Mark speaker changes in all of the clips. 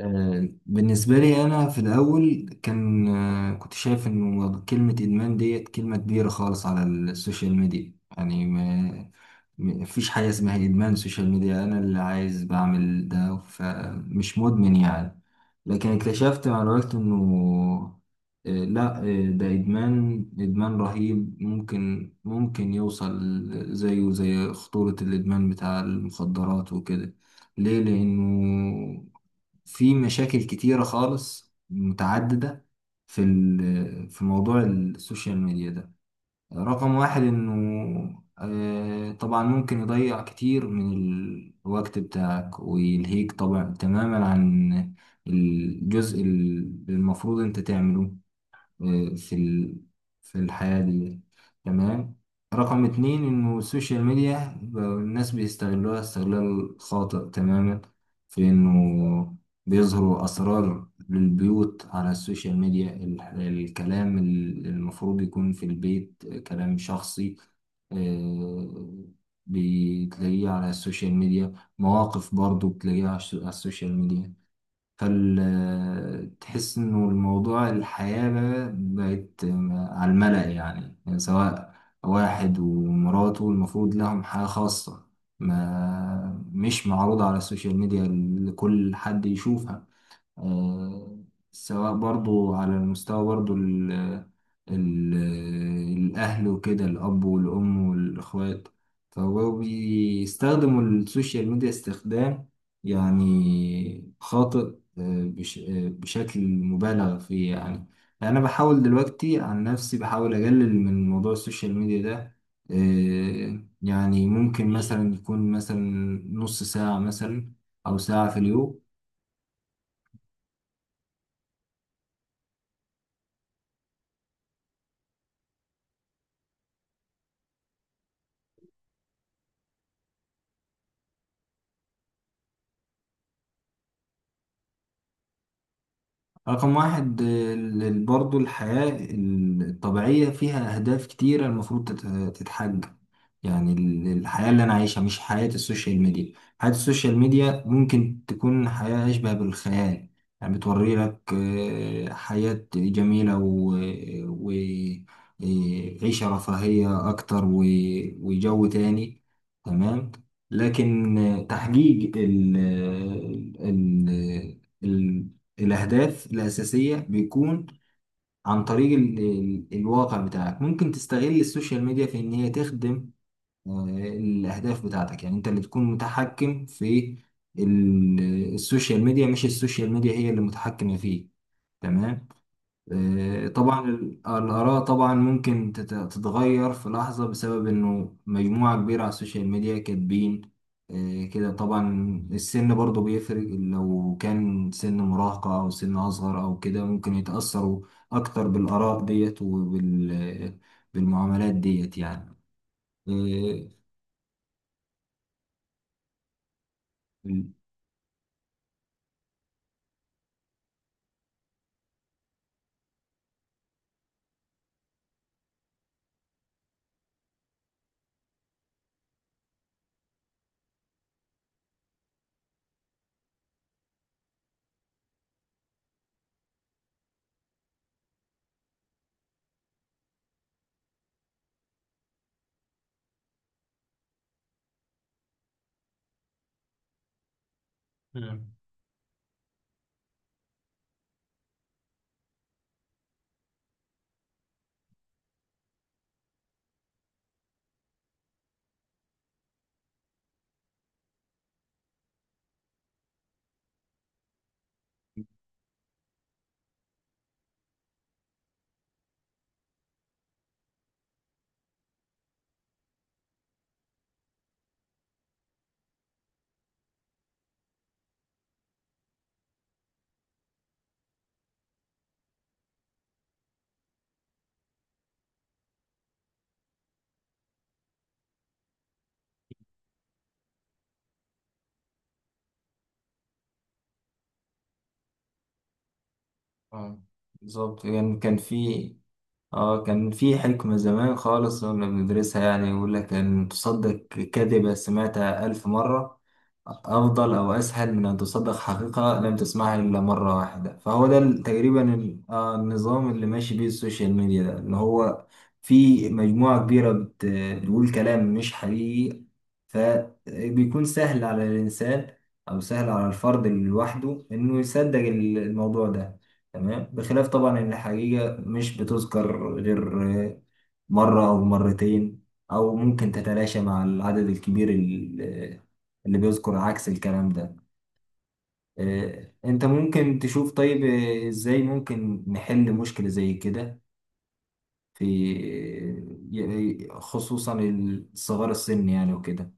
Speaker 1: بالنسبة لي أنا في الأول كان كنت شايف إنه كلمة إدمان ديت كلمة كبيرة خالص على السوشيال ميديا. يعني ما فيش حاجة اسمها إدمان سوشيال ميديا. أنا اللي عايز بعمل ده فمش مدمن يعني. لكن اكتشفت مع الوقت إنه، لا، ده إدمان، إدمان رهيب، ممكن يوصل زيه زي خطورة الإدمان بتاع المخدرات وكده. ليه؟ لأنه في مشاكل كتيرة خالص متعددة في في موضوع السوشيال ميديا ده. رقم واحد إنه طبعا ممكن يضيع كتير من الوقت بتاعك ويلهيك طبعا تماما عن الجزء اللي المفروض انت تعمله، آه، في ال... في الحياة دي. تمام. رقم اتنين إنه السوشيال ميديا بقى الناس بيستغلوها استغلال خاطئ تماما، في إنه بيظهروا أسرار للبيوت على السوشيال ميديا. الكلام المفروض يكون في البيت كلام شخصي، آه، بتلاقيه على السوشيال ميديا. مواقف برضو بتلاقيها على على السوشيال ميديا. فتحس انه الموضوع، الحياة بقى بقت على الملأ. يعني، سواء واحد ومراته المفروض لهم حياة خاصة، ما مش معروضة على السوشيال ميديا لكل حد يشوفها. آه، سواء برضو على المستوى، برضو ال ال الأهل وكده، الأب والأم والإخوات، فهو بيستخدموا السوشيال ميديا استخدام يعني خاطئ، آه، بش آه، بشكل مبالغ فيه يعني. أنا بحاول دلوقتي عن نفسي بحاول أقلل من موضوع السوشيال ميديا ده. يعني ممكن مثلا يكون مثلا نص ساعة مثلا، أو ساعة في اليوم. رقم واحد، برضو الحياة الطبيعية فيها أهداف كتيرة المفروض تتحقق. يعني الحياة اللي أنا عايشها مش حياة السوشيال ميديا. حياة السوشيال ميديا ممكن تكون حياة أشبه بالخيال. يعني بتوري لك حياة جميلة و- آه، عيشة رفاهية أكتر وجو تاني. تمام. لكن تحقيق ال- الأهداف الأساسية بيكون عن طريق ال ال الواقع بتاعك. ممكن تستغل السوشيال ميديا في إن هي تخدم آه، الأهداف بتاعتك. يعني أنت اللي تكون متحكم في السوشيال ميديا، مش السوشيال ميديا هي اللي متحكمة فيه. تمام. طبعا الآراء طبعا ممكن تتغير في لحظة، بسبب إنه مجموعة كبيرة على السوشيال ميديا كاتبين كده طبعا. السن برضو بيفرق، لو كان سن مراهقة أو سن أصغر أو كده ممكن يتأثروا أكتر بالآراء ديت وبالمعاملات ديت يعني. آه، مم. اه، بالظبط. يعني كان في، اه كان في حكمة زمان خالص كنا بندرسها، يعني يقول لك ان تصدق كذبة سمعتها ألف مرة أفضل أو أسهل من أن تصدق حقيقة لم تسمعها إلا مرة واحدة. فهو ده تقريبا النظام اللي ماشي بيه السوشيال ميديا ده، اللي هو في مجموعة كبيرة بتقول كلام مش حقيقي. فبيكون سهل على الإنسان أو سهل على الفرد لوحده إنه يصدق الموضوع ده. تمام، بخلاف طبعا إن الحقيقة مش بتذكر غير مرة أو مرتين، أو ممكن تتلاشى مع العدد الكبير اللي بيذكر عكس الكلام ده. أنت ممكن تشوف. طيب إزاي ممكن نحل مشكلة زي كده في خصوصا الصغار السن يعني وكده.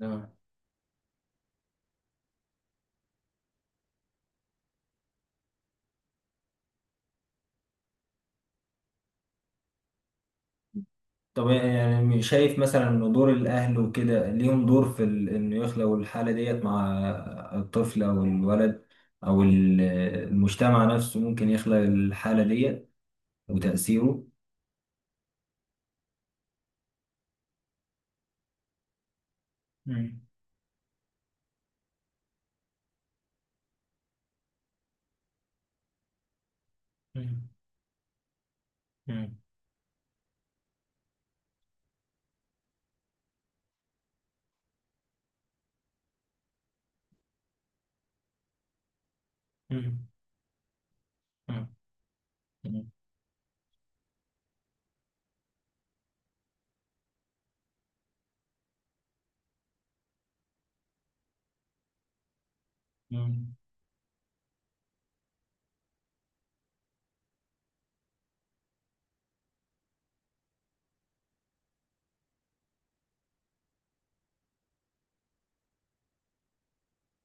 Speaker 1: مم. طب يعني شايف مثلا ان دور الاهل وكده ليهم دور في انه يخلقوا الحاله ديت مع الطفل او الولد، او المجتمع نفسه ممكن يخلق الحاله ديت وتاثيره. مم. مم. مم. مم. مم. مم. مم.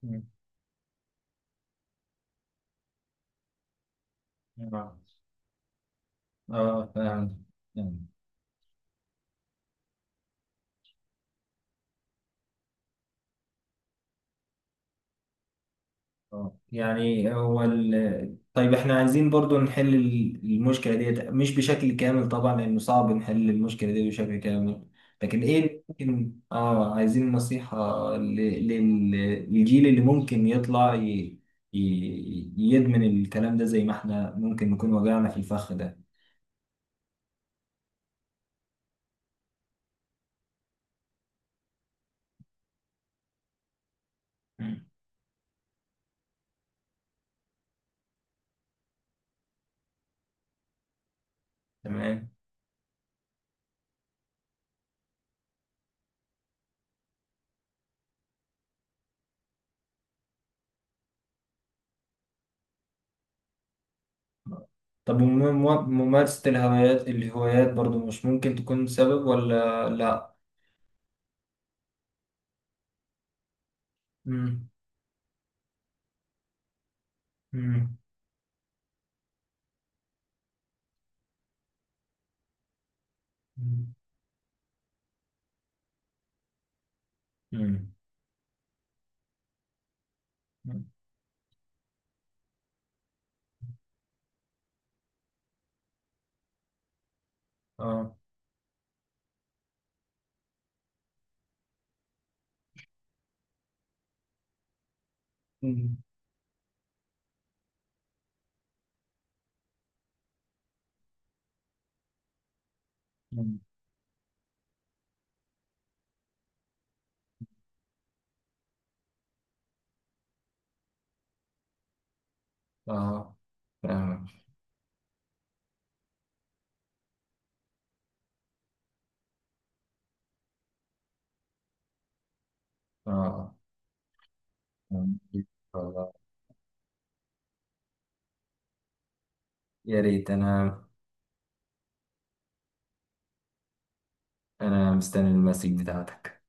Speaker 1: مم. اه، فعلا. يعني هو طيب احنا عايزين برضو نحل المشكلة ديت، مش بشكل كامل طبعا، لأنه صعب نحل المشكلة دي بشكل كامل. لكن ايه اللي ممكن، عايزين نصيحة للجيل اللي ممكن يطلع ي... يدمن الكلام ده، زي ما احنا ممكن نكون وجعنا في الفخ ده. مم. تمام. طب ممارسة الهوايات برضو، مش ممكن تكون سبب ولا لا؟ مم. مم. مم. مم. اه. مم. مم. اه، فاهمك. اه، فاهمك. والله، يا ريت. انا مستني المسج بتاعتك.